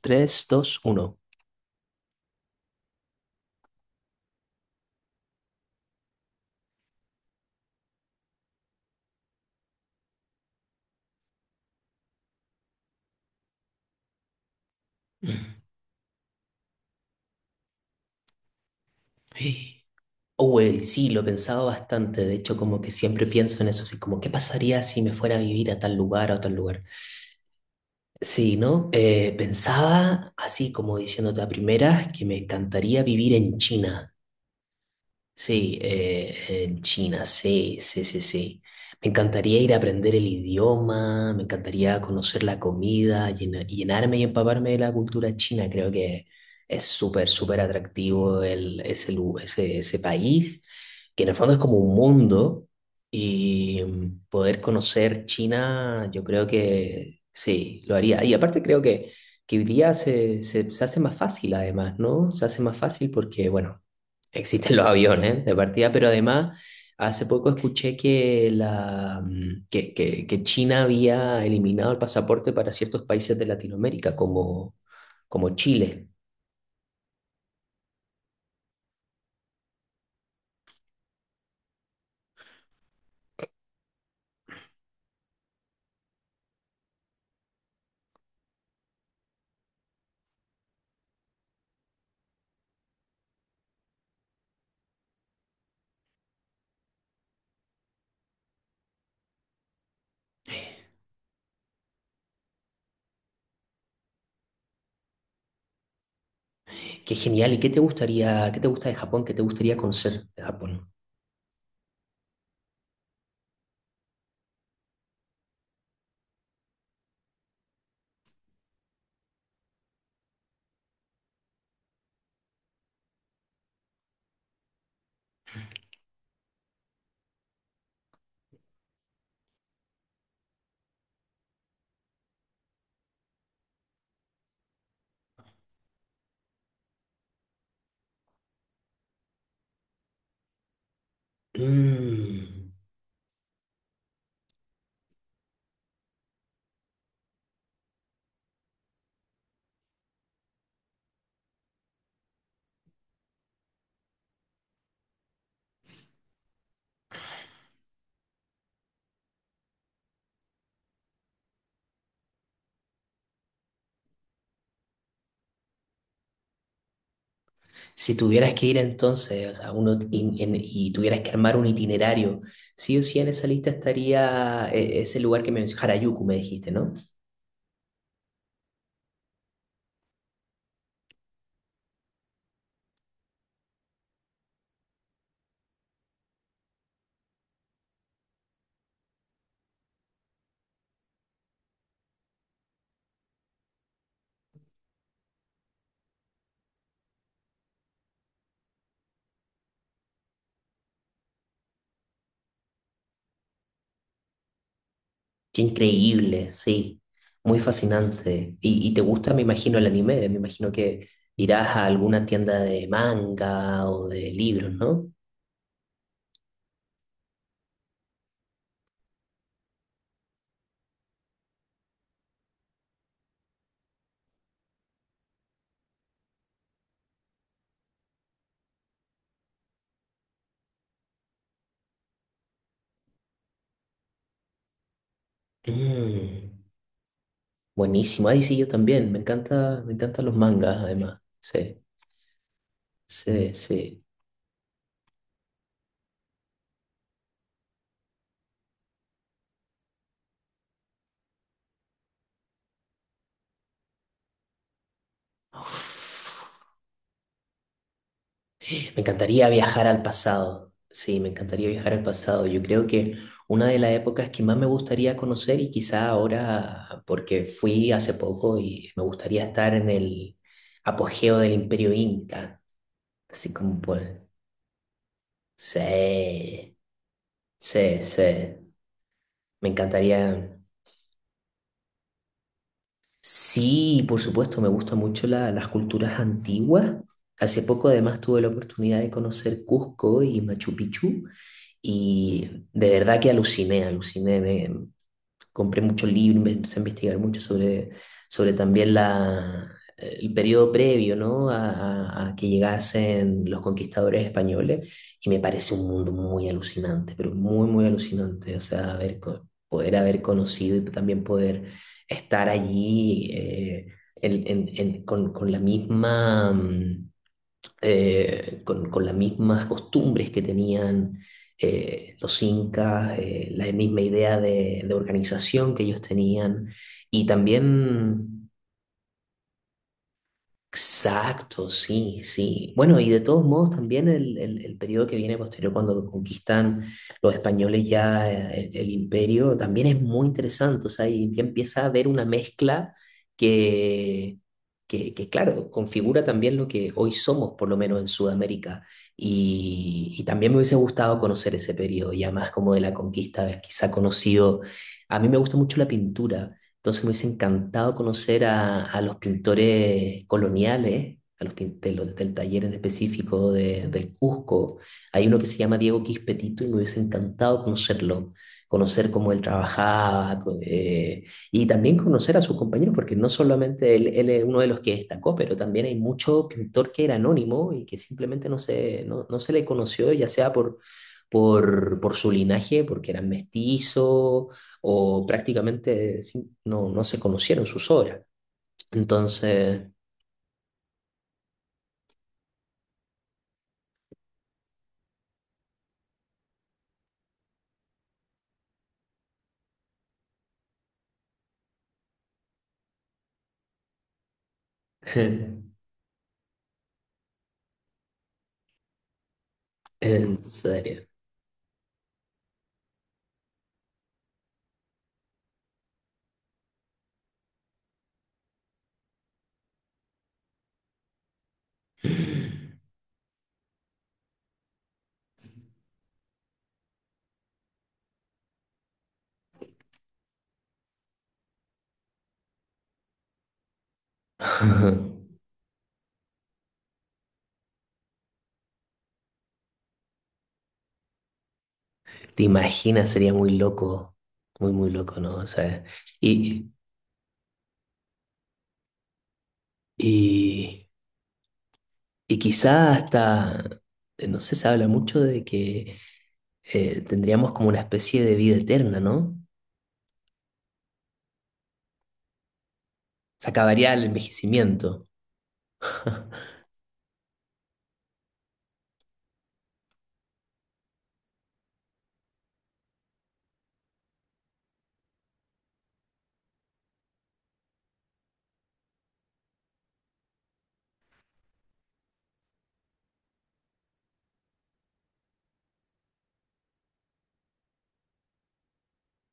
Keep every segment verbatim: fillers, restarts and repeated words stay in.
Tres, dos, uno. Uy, sí, lo he pensado bastante. De hecho, como que siempre pienso en eso, así como, ¿qué pasaría si me fuera a vivir a tal lugar o a tal lugar? Sí, ¿no? Eh, pensaba, así como diciéndote a primeras, que me encantaría vivir en China. Sí, eh, en China, sí, sí, sí, sí. Me encantaría ir a aprender el idioma, me encantaría conocer la comida, llena- llenarme y empaparme de la cultura china. Creo que es súper, súper atractivo el, ese, lu- ese, ese país, que en el fondo es como un mundo y mm, poder conocer China, yo creo que sí, lo haría. Y aparte creo que, que hoy día se, se se hace más fácil además, ¿no? Se hace más fácil porque, bueno. Existen los aviones de partida, pero además hace poco escuché que, la, mm, que, que- que China había eliminado el pasaporte para ciertos países de Latinoamérica, como, como Chile. Qué genial. ¿Y qué te gustaría, qué te gusta de Japón? ¿Qué te gustaría conocer de Japón? Mm. Si tuvieras que ir entonces, o sea, uno in- en- y tuvieras que armar un itinerario, sí o sí en esa lista estaría eh, ese lugar que me Harajuku, me dijiste, ¿no? Qué increíble, sí, muy fascinante. Y, y te gusta, me imagino, el anime, me imagino que irás a alguna tienda de manga o de libros, ¿no? Mm, buenísimo, ahí sí, yo también, me encanta, me encantan los mangas, además, sí, sí, sí. Uf. Me encantaría viajar al pasado. Sí, me encantaría viajar al pasado. Yo creo que una de las épocas que más me gustaría conocer y quizá ahora, porque fui hace poco y me gustaría estar en el apogeo del Imperio Inca, así como por... Sí, sí, sí. Me encantaría. Sí, por supuesto, me gustan mucho la- las culturas antiguas. Hace poco además tuve la oportunidad de conocer Cusco y Machu Picchu y de verdad que aluciné, aluciné, compré muchos libros, me empecé a investigar mucho sobre, sobre también la, el periodo previo, ¿no? a, a- a que llegasen los conquistadores españoles y me parece un mundo muy alucinante, pero muy, muy alucinante. O sea, haber, co- poder haber conocido y también poder estar allí eh, en- en- en- con, con la misma... mm, eh, con, con las mismas costumbres que tenían eh, los incas, eh, la misma idea de, de organización que ellos tenían y también. Exacto, sí, sí. Bueno, y de todos modos también el, el- el periodo que viene posterior cuando conquistan los españoles ya eh, el, el imperio también es muy interesante, o sea, y ya empieza a haber una mezcla que, que, que, claro, configura también lo que hoy somos, por lo menos en Sudamérica. Y, y también me hubiese gustado conocer ese periodo, ya más como de la conquista, haber quizá conocido, a mí me gusta mucho la pintura. Entonces me hubiese encantado conocer a, a los pintores coloniales, a los pin- de los- del taller en específico de- del Cusco. Hay uno que se llama Diego Quispetito y me hubiese encantado conocerlo, conocer cómo él trabajaba co- eh, y también conocer a sus compañeros, porque no solamente él, él es uno de los que destacó, pero también hay mucho pintor que era anónimo y que simplemente no se, no, no se le conoció, ya sea por, por, por su linaje, porque eran mestizos o prácticamente sin- no, no se conocieron sus obras. Entonces, en serio. ¿Te imaginas? Sería muy loco, muy, muy loco, ¿no? O sea, y, y, y quizá hasta, eh, no sé, se habla mucho de que eh, tendríamos como una especie de vida eterna, ¿no? Se acabaría el envejecimiento.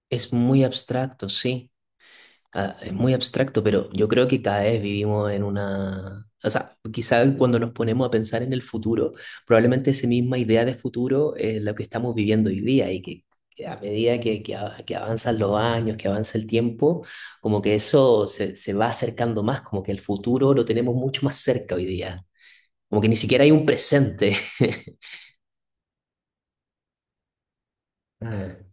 Es muy abstracto, sí. Ah, es muy abstracto, pero yo creo que cada vez vivimos en una... O sea, quizá cuando nos ponemos a pensar en el futuro, probablemente esa misma idea de futuro es lo que estamos viviendo hoy día y que, que a medida que, que, av- que avanzan los años, que avanza el tiempo, como que eso se, se va acercando más, como que el futuro lo tenemos mucho más cerca hoy día, como que ni siquiera hay un presente.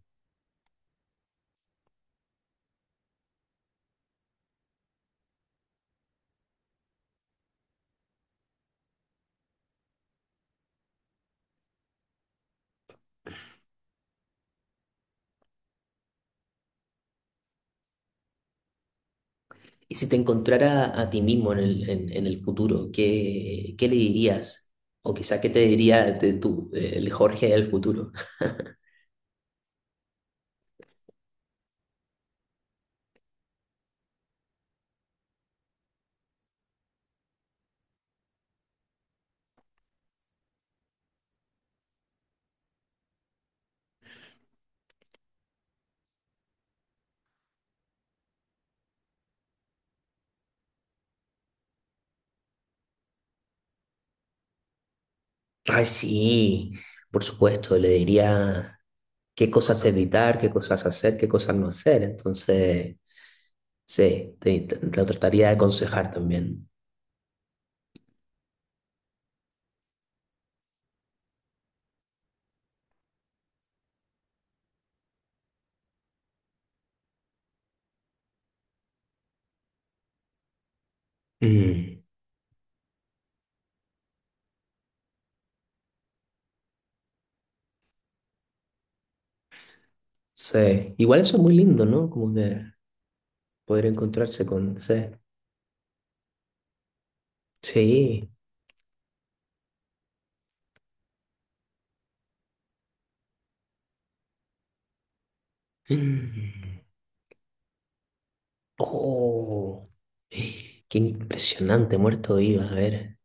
Y si te encontrara a ti mismo en el, en, en el futuro, ¿qué, qué le dirías? O quizá, ¿qué te diría de tú, el Jorge del futuro? Ay, sí, por supuesto, le diría qué cosas evitar, qué cosas hacer, qué cosas no hacer. Entonces, sí, te, te- lo trataría de aconsejar también. Mm, sí, igual eso es muy lindo, ¿no? Como que poder encontrarse con... Sí, sí. Mm. Oh, eh, qué impresionante, muerto de vivo. A ver,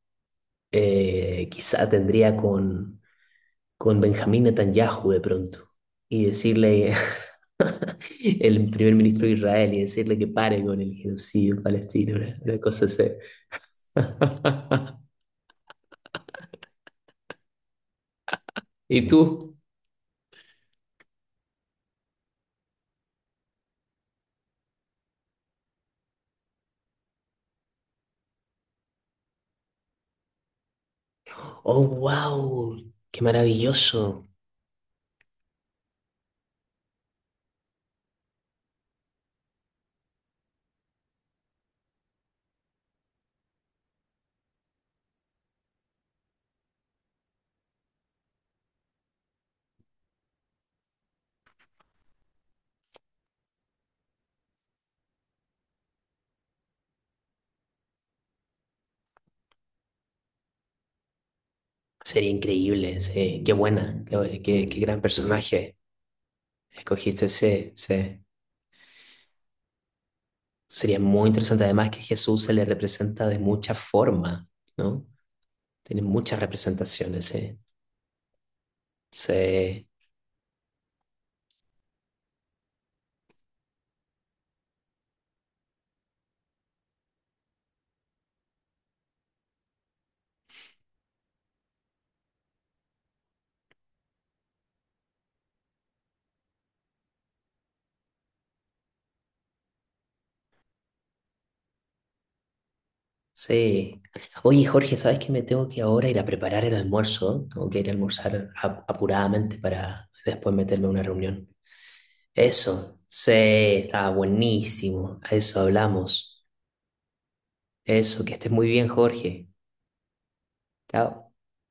eh, quizá tendría con, con Benjamín Netanyahu de pronto y decirle, el primer ministro de Israel, y decirle que pare con el genocidio palestino, una, una cosa así. ¿Y tú? Oh, wow, qué maravilloso. Sería increíble, sí. Qué buena, qué, qué- qué gran personaje escogiste, sí, sí. Sería muy interesante además que Jesús se le representa de muchas formas, ¿no? Tiene muchas representaciones, ¿eh? Sí, sí. Oye, Jorge, ¿sabes que me tengo que ahora ir a preparar el almuerzo? Tengo que ir a almorzar ap- apuradamente para después meterme a una reunión. Eso, sí, está buenísimo. A eso hablamos. Eso, que estés muy bien, Jorge. Chao.